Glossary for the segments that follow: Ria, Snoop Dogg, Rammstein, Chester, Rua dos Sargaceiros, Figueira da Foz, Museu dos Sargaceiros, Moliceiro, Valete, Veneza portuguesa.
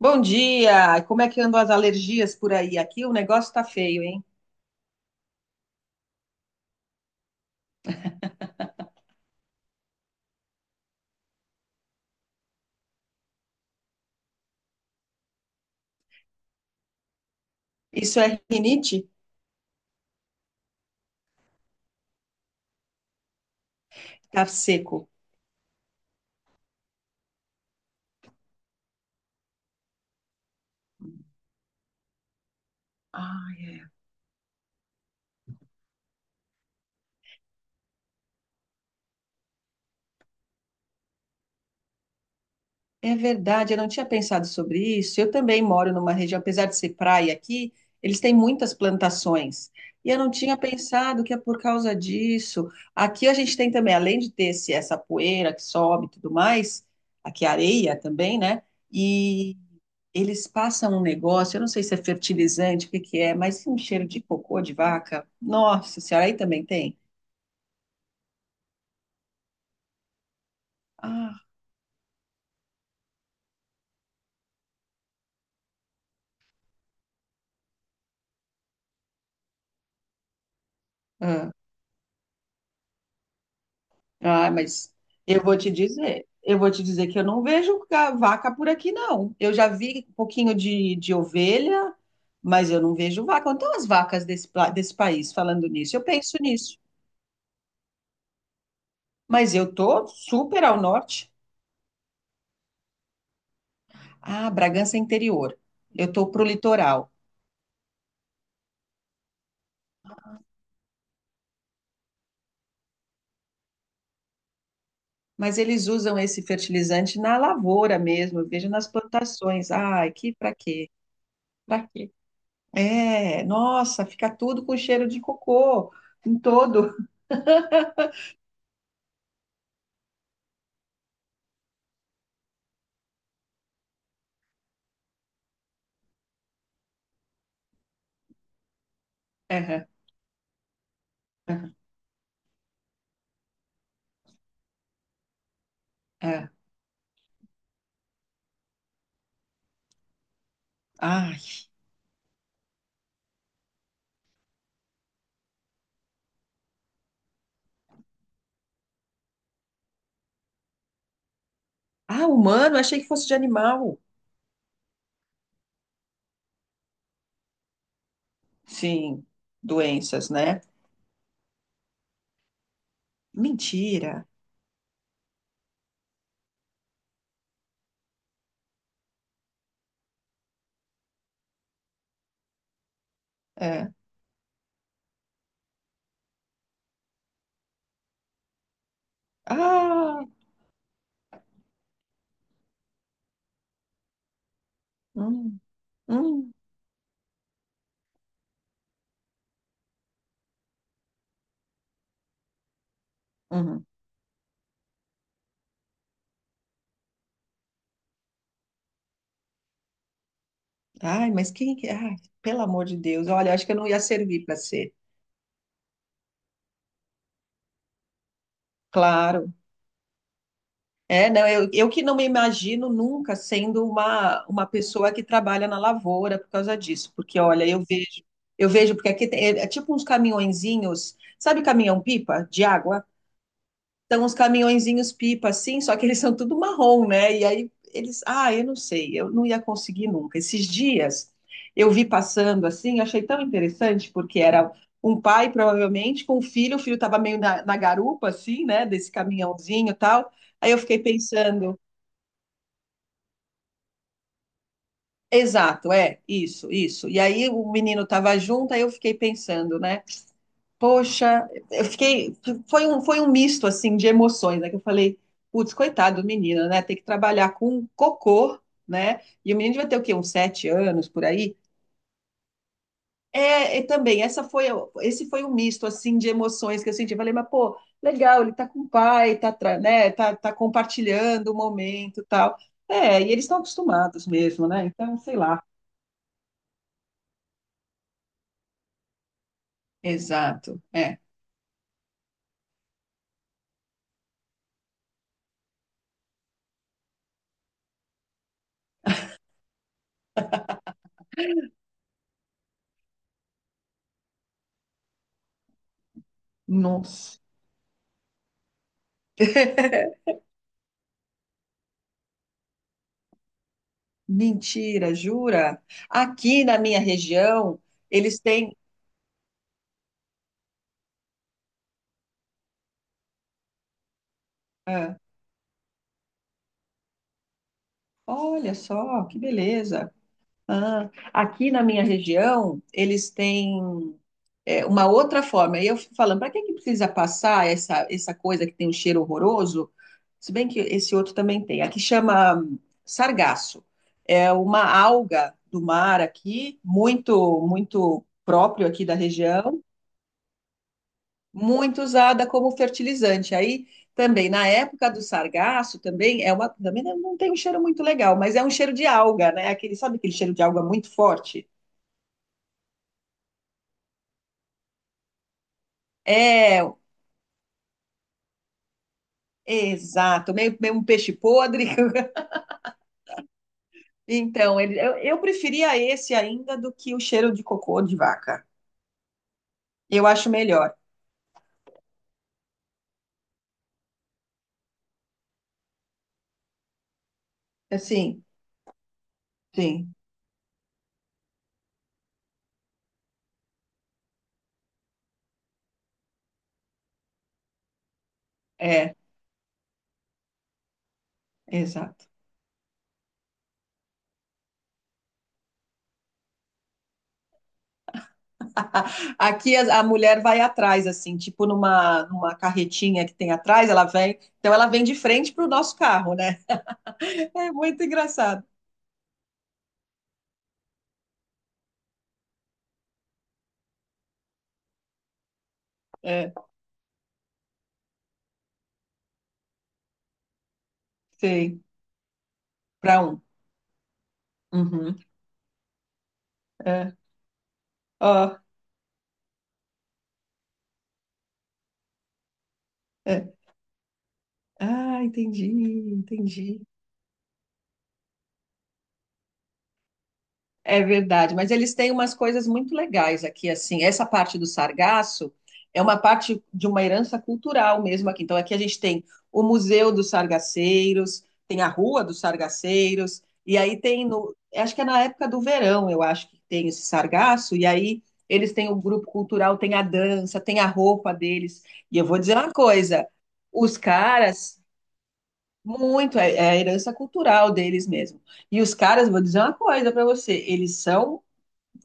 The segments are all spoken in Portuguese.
Bom dia! Como é que andam as alergias por aí? Aqui o negócio tá feio, hein? Isso é rinite? Tá seco. Ah, é. É verdade, eu não tinha pensado sobre isso. Eu também moro numa região, apesar de ser praia aqui, eles têm muitas plantações. E eu não tinha pensado que é por causa disso. Aqui a gente tem também, além de ter essa poeira que sobe e tudo mais, aqui a areia também, né? E eles passam um negócio, eu não sei se é fertilizante, o que que é, mas um cheiro de cocô de vaca. Nossa senhora, aí também tem. Ah, ah. Ah, mas eu vou te dizer que eu não vejo vaca por aqui, não. Eu já vi um pouquinho de ovelha, mas eu não vejo vaca. Então, as vacas desse país, falando nisso, eu penso nisso. Mas eu tô super ao norte. Ah, Bragança é interior. Eu tô pro litoral. Mas eles usam esse fertilizante na lavoura mesmo. Eu vejo nas plantações. Ai, que pra quê? Pra quê? É, nossa, fica tudo com cheiro de cocô em todo. É. É. Ai. Ah, humano, achei que fosse de animal. Sim, doenças, né? Mentira. É. Ah, hum, hum, hum. Ai, mas quem que. Ai, pelo amor de Deus, olha, acho que eu não ia servir para ser. Claro. É, não, eu que não me imagino nunca sendo uma pessoa que trabalha na lavoura por causa disso, porque olha, eu vejo, porque aqui é tipo uns caminhõezinhos, sabe caminhão-pipa de água? São uns caminhõezinhos pipa, assim, só que eles são tudo marrom, né? E aí eles, ah, eu não sei, eu não ia conseguir nunca. Esses dias eu vi passando assim, achei tão interessante, porque era um pai, provavelmente, com o filho estava meio na garupa, assim, né? Desse caminhãozinho e tal. Aí eu fiquei pensando, exato, é, isso, isso. E aí o menino estava junto, aí eu fiquei pensando, né? Poxa, eu fiquei. Foi um misto assim de emoções, né? Que eu falei, putz, coitado do menino, né? Tem que trabalhar com cocô, né? E o menino vai ter o quê? Uns 7 anos por aí. É, e também, esse foi um misto assim de emoções que eu senti. Eu falei, mas pô, legal, ele tá com o pai, tá, né? Tá, compartilhando o momento, e tal. É, e eles estão acostumados mesmo, né? Então, sei lá. Exato. É. Nossa. Mentira, jura? Aqui na minha região, eles têm. Ah, olha só, que beleza. Ah, aqui na minha região, eles têm uma outra forma. E eu fico falando, para que que precisa passar essa coisa que tem um cheiro horroroso? Se bem que esse outro também tem. Aqui chama sargaço. É uma alga do mar aqui, muito, muito próprio aqui da região muito usada como fertilizante. Aí também, na época do sargaço, também também não tem um cheiro muito legal, mas é um cheiro de alga, né? Aquele, sabe aquele cheiro de alga muito forte? É, exato, meio um peixe podre. Então, eu preferia esse ainda do que o cheiro de cocô de vaca. Eu acho melhor. Assim, sim, é, exato. Aqui a mulher vai atrás, assim, tipo numa carretinha que tem atrás, então ela vem de frente para o nosso carro, né? É muito engraçado. É, sei. Para um. Uhum. É. Ó. É. Ah, entendi, entendi. É verdade, mas eles têm umas coisas muito legais aqui, assim. Essa parte do sargaço é uma parte de uma herança cultural mesmo aqui. Então, aqui a gente tem o Museu dos Sargaceiros, tem a Rua dos Sargaceiros, e aí tem no, acho que é na época do verão, eu acho que tem esse sargaço, e aí eles têm o grupo cultural, tem a dança, tem a roupa deles. E eu vou dizer uma coisa, os caras muito, é a herança cultural deles mesmo. E os caras, vou dizer uma coisa para você, eles são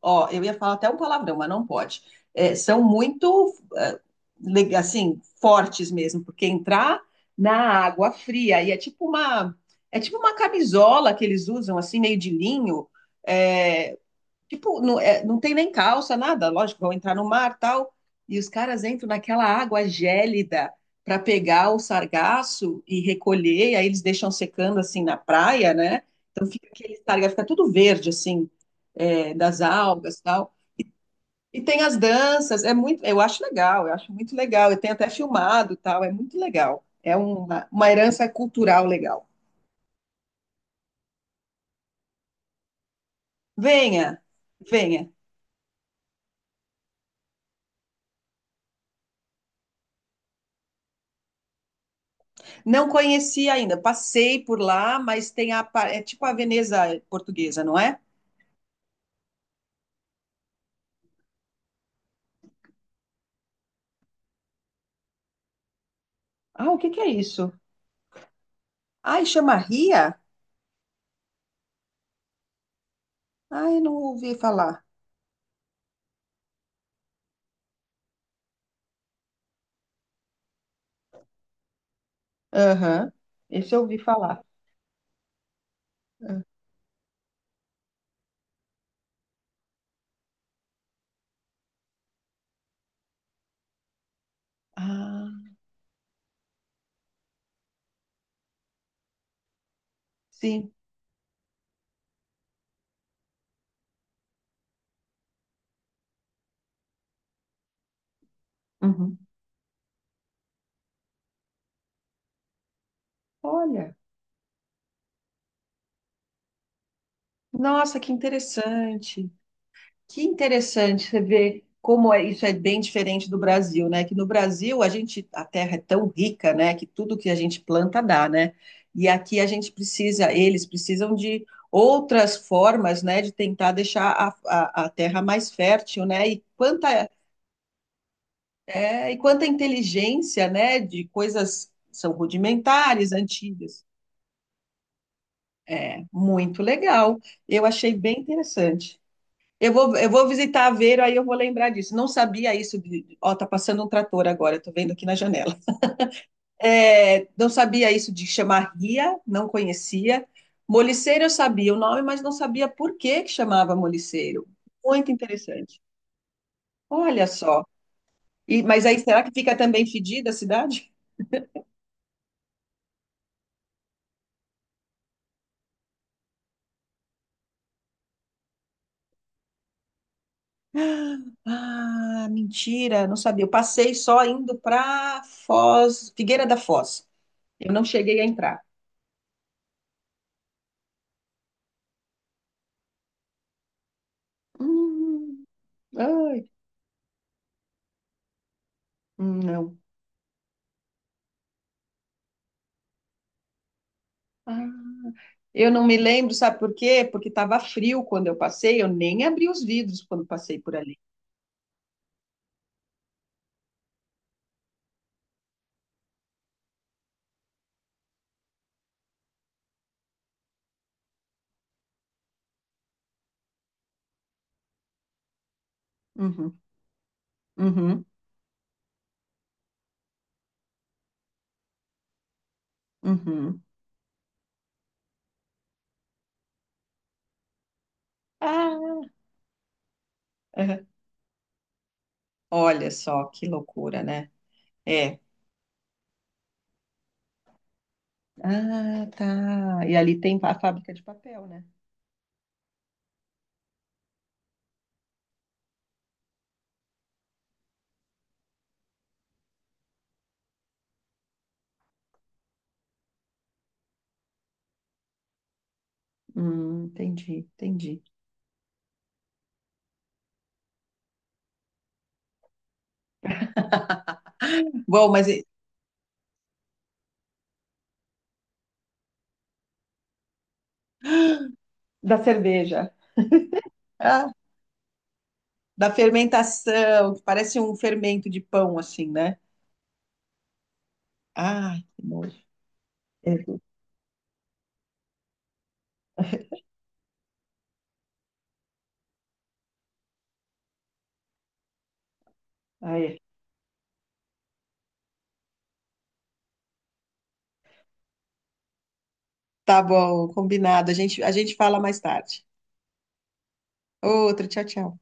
ó, eu ia falar até um palavrão, mas não pode. É, são muito, assim, fortes mesmo, porque entrar na água fria e é tipo uma camisola que eles usam, assim, meio de linho, é, Tipo, não, não tem nem calça, nada. Lógico, vão entrar no mar, tal. E os caras entram naquela água gélida para pegar o sargaço e recolher. E aí eles deixam secando assim na praia, né? Então fica aquele sargaço, fica tudo verde assim, das algas, tal. E tem as danças. É muito, eu acho legal. Eu acho muito legal. Eu tenho até filmado, tal. É muito legal. É uma herança cultural legal. Venha, venha. Não conheci ainda, passei por lá, mas tem é tipo a Veneza portuguesa, não é? Ah, o que que é isso? Ai, chama Ria? Ai, não ouvi falar. Aham. Esse eu ouvi falar. Ah, sim. Uhum. Olha, nossa, que interessante. Que interessante você ver como é, isso é bem diferente do Brasil, né? Que no Brasil a gente, a terra é tão rica, né? Que tudo que a gente planta dá, né? E aqui a gente precisa, eles precisam de outras formas, né? De tentar deixar a terra mais fértil, né? E quanta inteligência, né? De coisas que são rudimentares, antigas. É, muito legal. Eu achei bem interessante. Eu vou visitar a Vero, aí eu vou lembrar disso. Não sabia isso de. Ó, tá passando um trator agora, tô vendo aqui na janela. É, não sabia isso de chamar ria, não conhecia. Moliceiro eu sabia o nome, mas não sabia por que que chamava moliceiro. Muito interessante. Olha só. E, mas aí será que fica também fedida a cidade? Ah, mentira, não sabia. Eu passei só indo para Foz, Figueira da Foz. Eu não cheguei a entrar. Hum, ai, não. Ah, eu não me lembro, sabe por quê? Porque estava frio quando eu passei, eu nem abri os vidros quando passei por ali. Uhum, uhum, uhum. Ah, uhum. Olha só que loucura, né? É. Ah, tá. E ali tem a fábrica de papel, né? Entendi, entendi. Bom, mas da cerveja, ah, da fermentação, que parece um fermento de pão, assim, né? Ah, que nojo. É. Ah, é. Tá bom, combinado. A gente fala mais tarde. Outro, tchau, tchau.